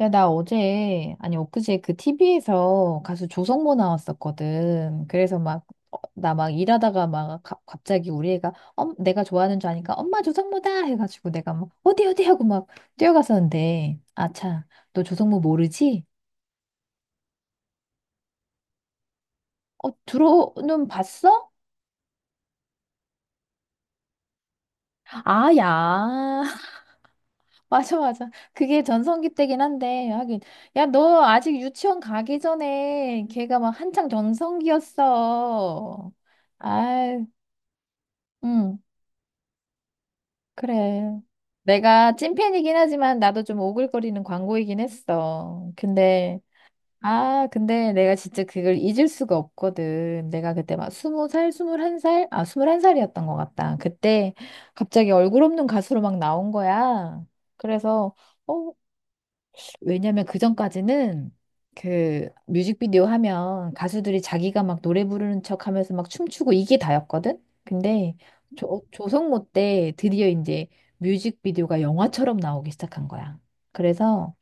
야, 나 어제, 아니, 엊그제 그 TV에서 가수 조성모 나왔었거든. 그래서 막, 나막 일하다가 막 갑자기 우리 애가, 내가 좋아하는 줄 아니까 엄마 조성모다! 해가지고 내가 막, 어디, 어디? 하고 막 뛰어갔었는데, 아차, 너 조성모 모르지? 어, 들어는 봤어? 아, 야. 맞아, 맞아. 그게 전성기 때긴 한데, 하긴. 야, 너 아직 유치원 가기 전에 걔가 막 한창 전성기였어. 아유. 응. 그래. 내가 찐팬이긴 하지만 나도 좀 오글거리는 광고이긴 했어. 근데 내가 진짜 그걸 잊을 수가 없거든. 내가 그때 막 20살, 21살? 스물한 살이었던 것 같다. 그때 갑자기 얼굴 없는 가수로 막 나온 거야. 그래서, 어, 왜냐면 그전까지는 그 뮤직비디오 하면 가수들이 자기가 막 노래 부르는 척 하면서 막 춤추고 이게 다였거든? 근데 조성모 때 드디어 이제 뮤직비디오가 영화처럼 나오기 시작한 거야. 그래서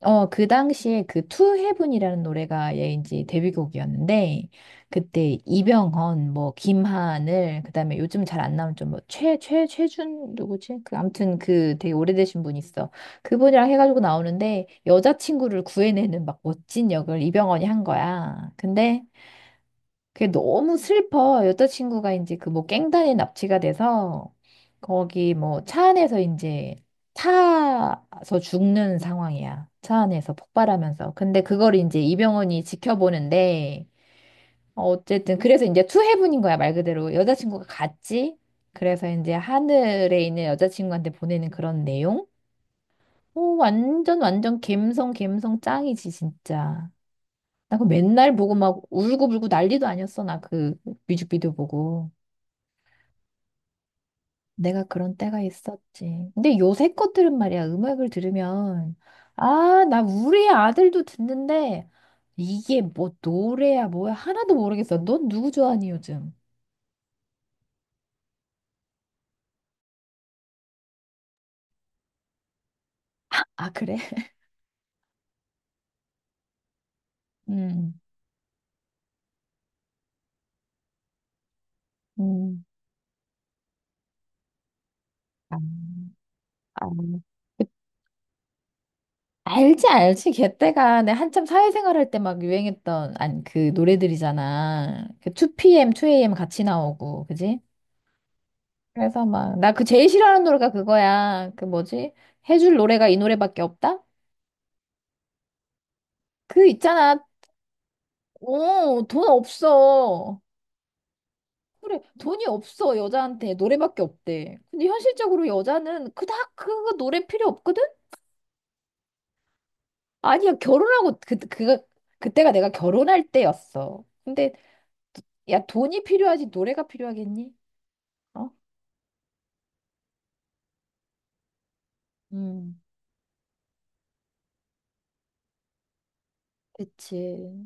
그 당시에 그 To Heaven이라는 노래가 얘인지 데뷔곡이었는데 그때 이병헌, 뭐 김하늘, 그다음에 요즘 잘 안 나오는 좀뭐 최준 누구지? 그 아무튼 그 되게 오래되신 분 있어. 그분이랑 해가지고 나오는데 여자친구를 구해내는 막 멋진 역을 이병헌이 한 거야. 근데 그게 너무 슬퍼. 여자친구가 이제 그 뭐 갱단에 납치가 돼서 거기 뭐 차 안에서 이제 타서 죽는 상황이야. 차 안에서 폭발하면서. 근데 그걸 이제 이병헌이 지켜보는데 어쨌든 그래서 이제 투해분인 거야. 말 그대로 여자친구가 갔지. 그래서 이제 하늘에 있는 여자친구한테 보내는 그런 내용? 오, 완전 완전 갬성 갬성 짱이지 진짜. 나 그 맨날 보고 막 울고불고 난리도 아니었어. 나 그 뮤직비디오 보고. 내가 그런 때가 있었지. 근데 요새 것들은 말이야. 음악을 들으면 나 우리 아들도 듣는데 이게 뭐 노래야 뭐야 하나도 모르겠어. 넌 누구 좋아하니 요즘? 아, 그래? 음. 음. 아, 아. 알지, 알지. 걔때가 내 한참 사회생활 할 때 막 유행했던, 아니, 그 노래들이잖아. 그 2PM, 2AM 같이 나오고, 그지? 그래서 막, 나 그 제일 싫어하는 노래가 그거야. 그 뭐지? 해줄 노래가 이 노래밖에 없다? 그 있잖아. 돈 없어. 그래, 돈이 없어. 여자한테 노래밖에 없대. 근데 현실적으로 여자는 그닥 그 노래 필요 없거든? 아니야, 결혼하고 그, 그때가 내가 결혼할 때였어. 근데 야, 돈이 필요하지 노래가 필요하겠니? 어? 음, 그치.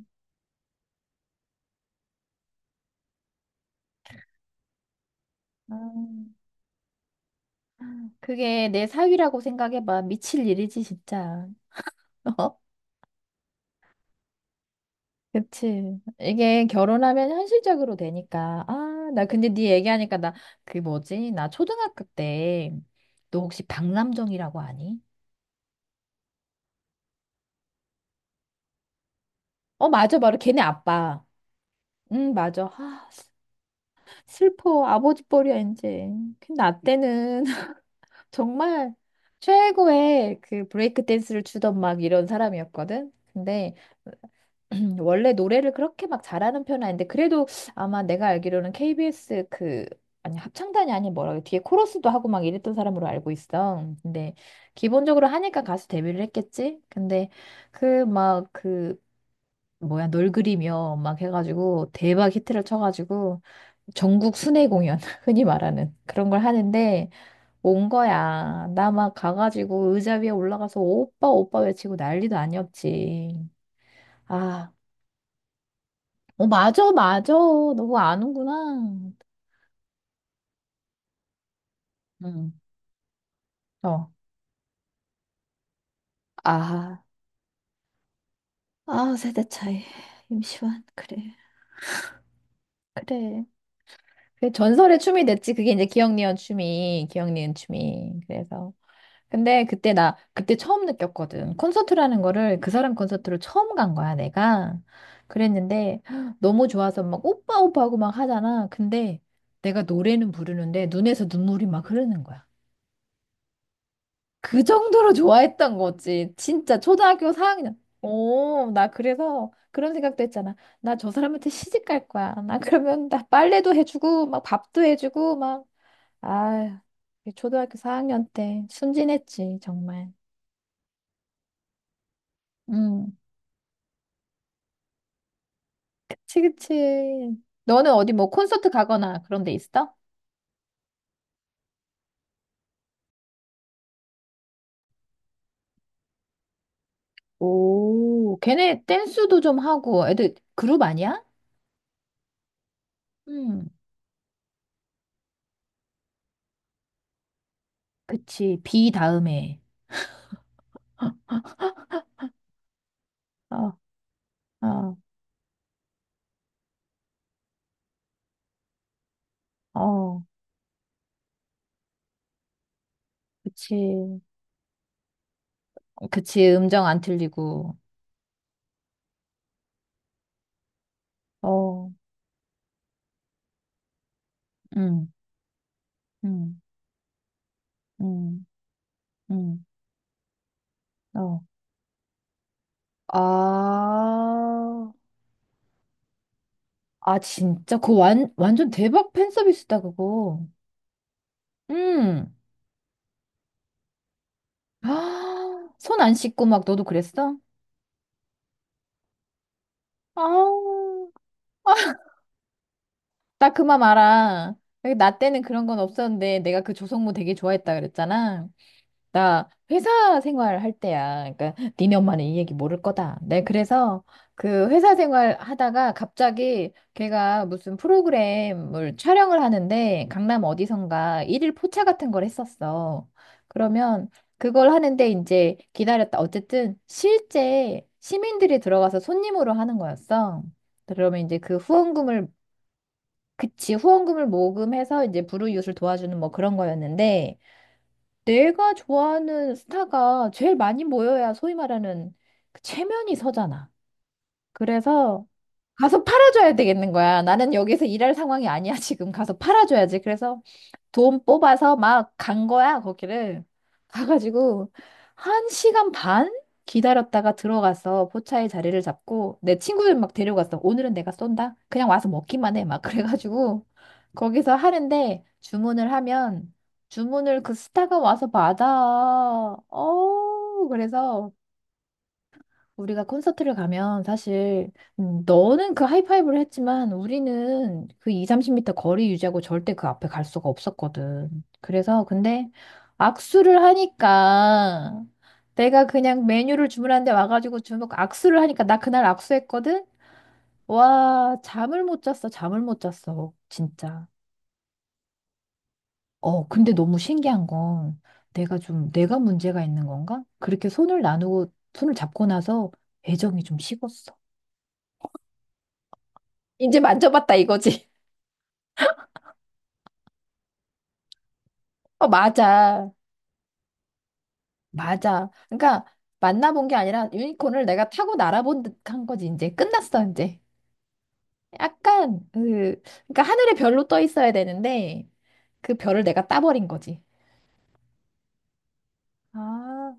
아 그게 내 사위라고 생각해봐. 미칠 일이지, 진짜. 그치. 이게 결혼하면 현실적으로 되니까. 아, 나 근데 네 얘기하니까 나, 그 뭐지? 나 초등학교 때, 너 혹시 박남정이라고 아니? 어, 맞아. 바로 걔네 아빠. 응, 맞아. 슬- 퍼 아버지 뻘이야, 이제. 근데 나 때는 정말 최고의 그 브레이크 댄스를 추던 막 이런 사람이었거든? 근데 원래 노래를 그렇게 막 잘하는 편은 아닌데 그래도 아마 내가 알기로는 KBS 그 아니 합창단이 아닌 뭐라 그래 뒤에 코러스도 하고 막 이랬던 사람으로 알고 있어. 근데 기본적으로 하니까 가수 데뷔를 했겠지. 근데 그 막 그 뭐야 널 그리며 막 해가지고 대박 히트를 쳐가지고 전국 순회 공연 흔히 말하는 그런 걸 하는데 온 거야. 나 막 가가지고 의자 위에 올라가서 오빠 오빠 외치고 난리도 아니었지. 아, 어, 맞아, 맞아. 너무 아는구나. 응, 어. 아, 아, 세대 차이. 임시완, 그래. 그래. 그 전설의 춤이 됐지. 그게 이제 기억니은 춤이, 기억니은 춤이. 그래서. 근데 그때 나, 그때 처음 느꼈거든. 콘서트라는 거를 그 사람 콘서트로 처음 간 거야, 내가. 그랬는데 너무 좋아서 막 오빠, 오빠 하고 막 하잖아. 근데 내가 노래는 부르는데 눈에서 눈물이 막 흐르는 거야. 그 정도로 좋아했던 거지. 진짜 초등학교 4학년. 오, 나 그래서 그런 생각도 했잖아. 나 저 사람한테 시집 갈 거야. 나 그러면 나 빨래도 해주고, 막 밥도 해주고, 막, 아, 초등학교 4학년 때 순진했지, 정말. 음, 그치, 그치. 너는 어디 뭐 콘서트 가거나 그런 데 있어? 오, 걔네 댄스도 좀 하고, 애들 그룹 아니야? 음, 그치. 비 다음에. 어, 어, 어, 그치. 그치, 음정 안 틀리고. 어, 음, 음, 음, 음. 어. 아, 아, 진짜? 그거 완전 대박 팬 서비스다, 그거. 음. 아, 손 안 씻고 막 너도 그랬어? 아, 나 그만 알아. 나 때는 그런 건 없었는데 내가 그 조성모 되게 좋아했다 그랬잖아. 나 회사 생활할 때야. 그러니까 니네 엄마는 이 얘기 모를 거다. 네 그래서 그 회사 생활 하다가 갑자기 걔가 무슨 프로그램을 촬영을 하는데 강남 어디선가 일일 포차 같은 걸 했었어. 그러면 그걸 하는데 이제 기다렸다. 어쨌든 실제 시민들이 들어가서 손님으로 하는 거였어. 그러면 이제 그 후원금을 그치 후원금을 모금해서 이제 불우이웃을 도와주는 뭐 그런 거였는데 내가 좋아하는 스타가 제일 많이 모여야 소위 말하는 그 체면이 서잖아. 그래서 가서 팔아줘야 되겠는 거야. 나는 여기서 일할 상황이 아니야. 지금 가서 팔아줘야지. 그래서 돈 뽑아서 막 간 거야, 거기를. 가가지고, 1시간 반 기다렸다가 들어가서 포차의 자리를 잡고, 내 친구들 막 데려갔어. 오늘은 내가 쏜다? 그냥 와서 먹기만 해. 막 그래가지고, 거기서 하는데, 주문을 하면, 주문을 그 스타가 와서 받아. 그래서, 우리가 콘서트를 가면 사실 너는 그 하이파이브를 했지만 우리는 그 2, 30미터 거리 유지하고 절대 그 앞에 갈 수가 없었거든. 그래서 근데 악수를 하니까 내가 그냥 메뉴를 주문하는데 와가지고 주먹 악수를 하니까 나 그날 악수했거든? 와, 잠을 못 잤어. 잠을 못 잤어. 진짜. 어, 근데 너무 신기한 건 내가 좀 내가 문제가 있는 건가? 그렇게 손을 나누고 손을 잡고 나서 애정이 좀 식었어. 이제 만져봤다 이거지. 어, 맞아. 맞아. 그러니까 만나본 게 아니라 유니콘을 내가 타고 날아본 듯한 거지. 이제 끝났어, 이제. 약간 그 그러니까 하늘에 별로 떠 있어야 되는데 그 별을 내가 따버린 거지. 아.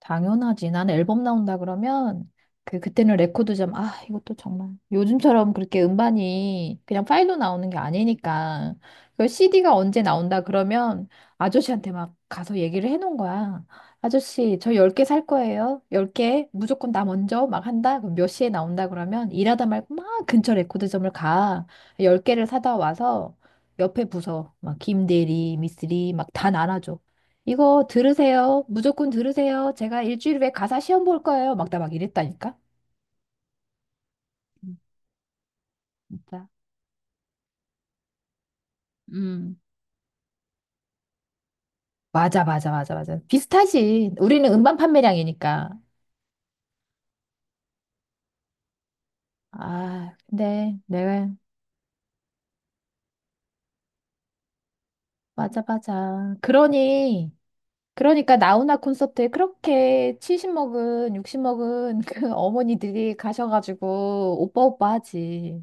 당연하지. 나는 앨범 나온다 그러면 그 그때는 레코드점 이것도 정말 요즘처럼 그렇게 음반이 그냥 파일로 나오는 게 아니니까 그 CD가 언제 나온다 그러면 아저씨한테 막 가서 얘기를 해놓은 거야. 아저씨 저 10개 살 거예요. 10개 무조건 나 먼저 막 한다. 그럼 몇 시에 나온다 그러면 일하다 말고 막 근처 레코드점을 가. 10개를 사다 와서 옆에 부서 막 김대리, 미쓰리 막 다 나눠줘. 이거 들으세요. 무조건 들으세요. 제가 일주일 후에 가사 시험 볼 거예요. 막 나 막 이랬다니까. 음, 진짜. 음, 맞아, 맞아, 맞아, 맞아. 비슷하지. 우리는 음반 판매량이니까. 아, 근데 내가 맞아, 맞아. 그러니까 나훈아 콘서트에 그렇게 70 먹은, 60 먹은 그 어머니들이 가셔가지고 오빠 오빠 하지.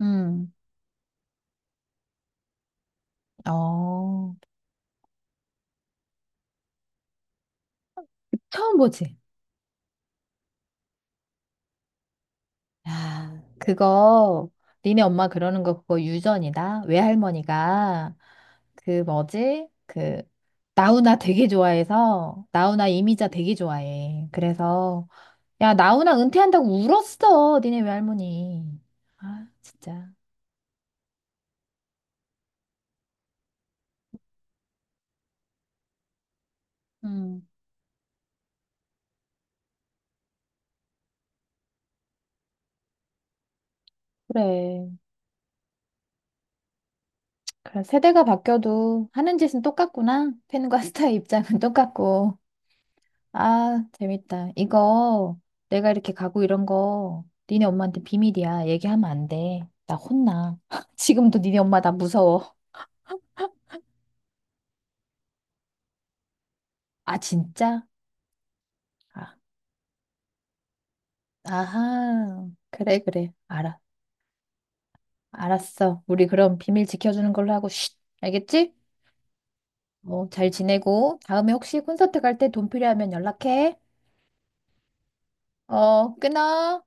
음. 어, 처음 보지. 야, 그거 니네 엄마 그러는 거 그거 유전이다. 외할머니가 그 뭐지? 그 나훈아 되게 좋아해서 나훈아 이미자 되게 좋아해. 그래서 야, 나훈아 은퇴한다고 울었어. 니네 외할머니. 아, 진짜. 음. 그래. 그래. 세대가 바뀌어도 하는 짓은 똑같구나. 팬과 스타의 입장은 똑같고. 아, 재밌다. 이거 내가 이렇게 가구 이런 거 니네 엄마한테 비밀이야. 얘기하면 안 돼. 나 혼나. 지금도 니네 엄마 나 무서워. 아, 진짜? 아, 아하. 그래, 그래. 알아. 알았어. 우리 그럼 비밀 지켜주는 걸로 하고, 쉿. 알겠지? 어, 잘 지내고, 다음에 혹시 콘서트 갈 때 돈 필요하면 연락해. 어, 끊어.